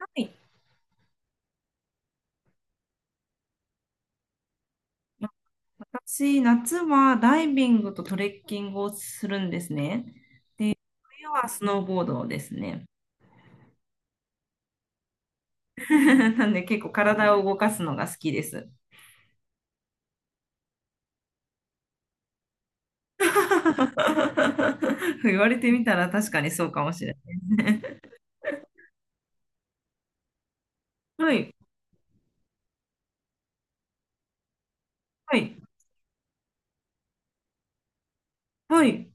はい。私、夏はダイビングとトレッキングをするんですね。冬はスノーボードですね。なんで結構体を動かすのが好きです。言われてみたら確かにそうかもしれない。はい、はい。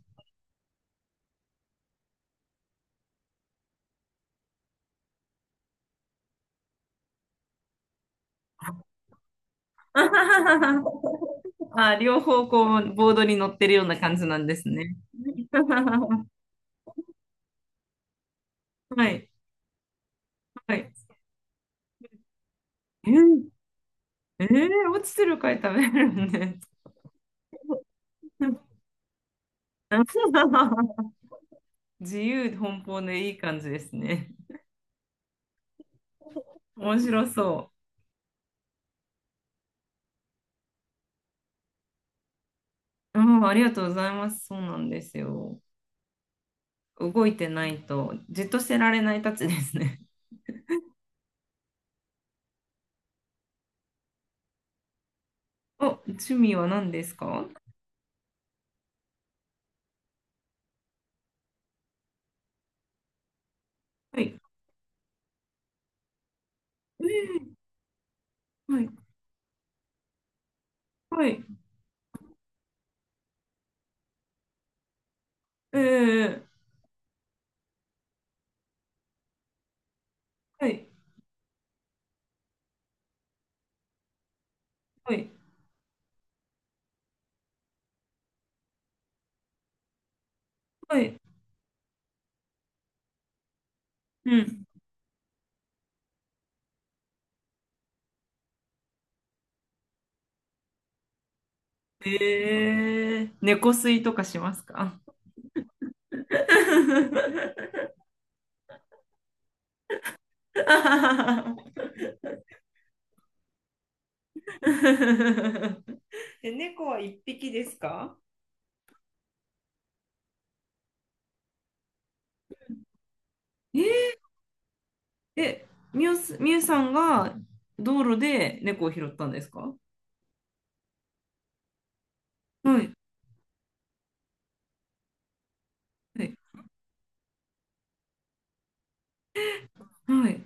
あ、両方こう、ボードに乗ってるような感じなんですね。はい、はい。えー、えー、落ちてる貝食べれるんです。自由奔放でいい感じですね。面白そう。うん、ありがとうございます。そうなんですよ。動いてないと、じっとしてられないたちですね。お、趣味は何ですか？はい。ええ、はい。はい。ええ、はい。はい。はい。うん。ええ、猫吸いとかしますか？ え、猫は一匹ですか？ええ。え、みゆさんが道路で猫を拾ったんですか？はい、はい、はい。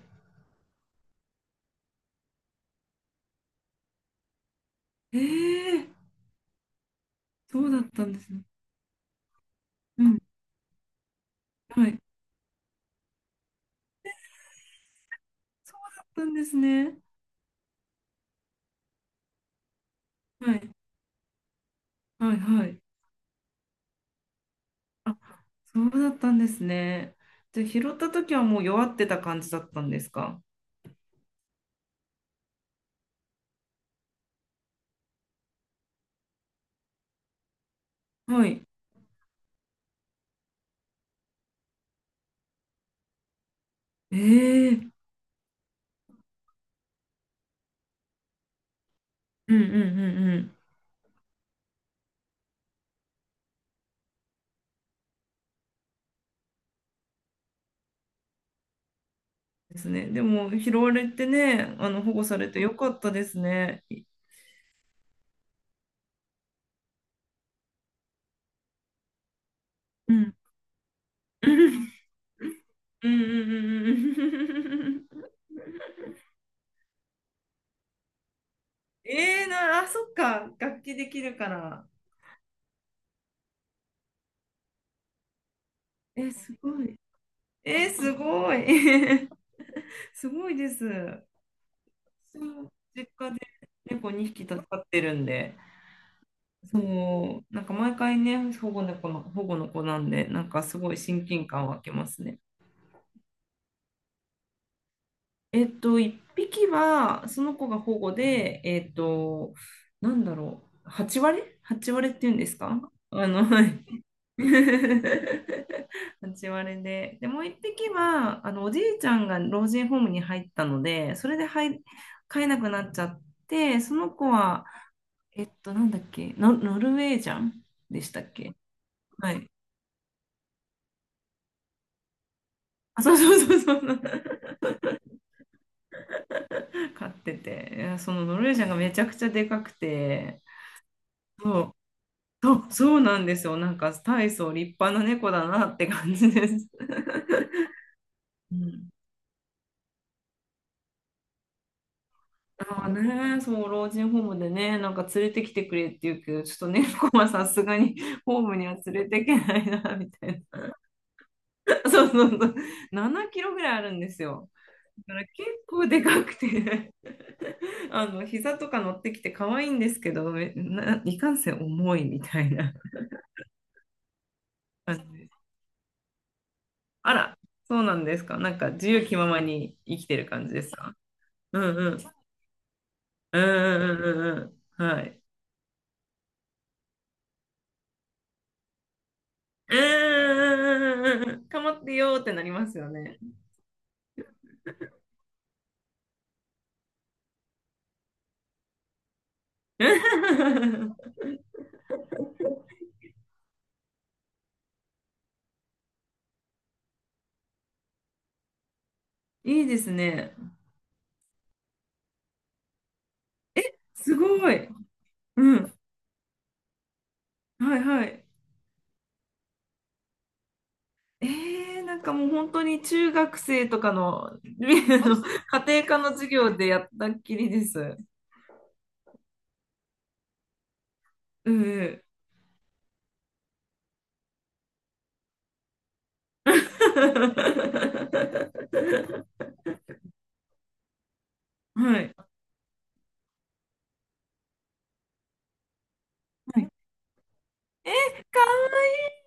ええ。そうだったんですね。うん、はい。そうだったんですね。はい、はい。あ、そうだったんですね。じゃあ、拾った時はもう弱ってた感じだったんですか？はい。ええ。うん。ですね。でも、拾われてね、保護されてよかったですね。い、うん。うん。あ、そっか。楽器できるから。え、すごい。えー、すごい。すごいです。そう、実家で猫2匹飼ってるんで、そう、なんか毎回ね、保護の子なんで、なんかすごい親近感湧きますね。1匹は、その子が保護で、8割？ 8 割っていうんですか？はい。8割で。で、もう一匹は、おじいちゃんが老人ホームに入ったので、それで入、飼えなくなっちゃって、その子は、えっと、なんだっけ、ノ、ノルウェージャンでしたっけ？はい。あ、そう。飼ってて、いやそのノルウェージャンがめちゃくちゃでかくて、そう、そうなんですよ。なんか大層立派な猫だなって感じです。うん。ああね、そう、老人ホームでね、なんか連れてきてくれって言うけど、ちょっと猫は さすがにホームには連れてけないな、みたいな。そう。7キロぐらいあるんですよ。だから結構でかくて、 膝とか乗ってきて可愛いんですけど、いかんせん重いみたいな感じです。あら、そうなんですか。なんか自由気ままに生きてる感じですか。うんうん。うん。はい。うーん。かまってよーってなりますよね。いいですね。すごい。うん。はいはい。えー、なんかもう本当に中学生とかの、家庭科の授業でやったっきりです。うん。はい。はい。え、かわい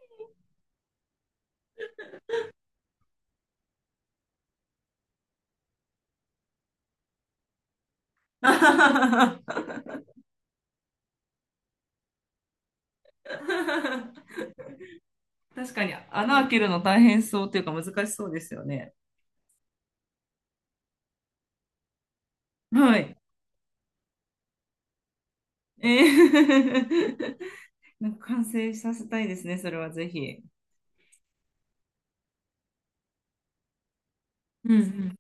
い。確かに穴開けるの大変そうというか難しそうですよね。はい。えー。 なんか完成させたいですね、それはぜひ。うん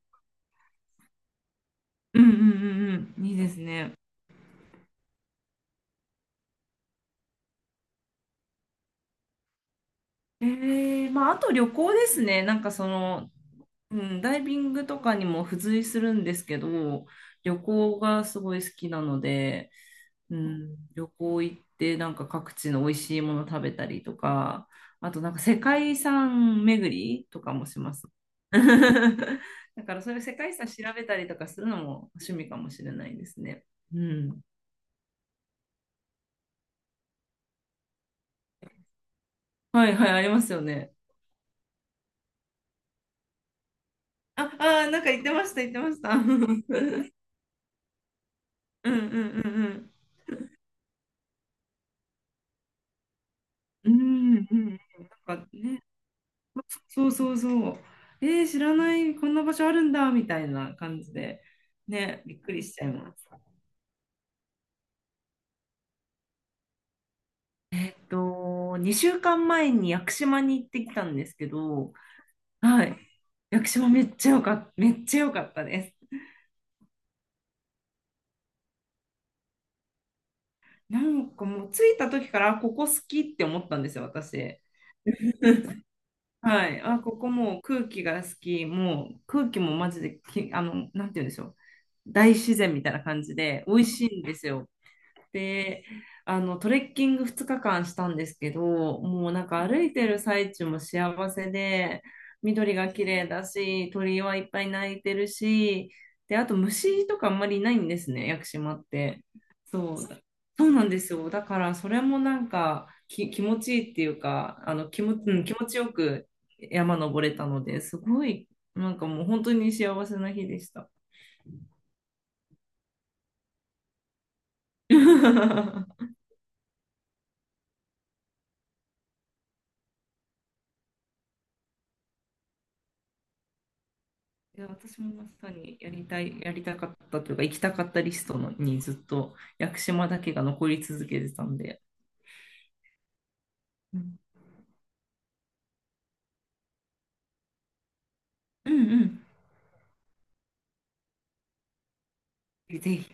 うん。いいですね。えー、まあ、あと旅行ですね。うん、ダイビングとかにも付随するんですけど、旅行がすごい好きなので、うん、旅行行ってなんか各地の美味しいもの食べたりとか、あとなんか世界遺産巡りとかもします。だからそういう世界遺産調べたりとかするのも趣味かもしれないですね。うん。はいはい、ありますよね。なんか言ってました。うん。うん。なんかね、そう。えー、知らない、こんな場所あるんだ、みたいな感じで、ね、びっくりしちゃいます。えっと、2週間前に屋久島に行ってきたんですけど、はい。屋久島めっちゃよかった、めっちゃ良かったです。なんかもう着いた時から、あ、ここ好きって思ったんですよ、私。はい。あ、ここもう空気が好き、もう空気もマジでき、あの、なんて言うんでしょう。大自然みたいな感じで美味しいんですよ。で、トレッキング2日間したんですけど、もうなんか歩いてる最中も幸せで、緑が綺麗だし、鳥はいっぱい鳴いてるし、で、あと虫とかあんまりいないんですね、屋久島って。そう、そうなんですよ。だからそれもなんか気持ちいいっていうか、気持ちよく山登れたので、すごい、なんかもう本当に幸せな日でした。いや、私もまさにやりたい、やりたかったというか、行きたかったリストのにずっと屋久島だけが残り続けてたんで、うん、うんうん、ぜひ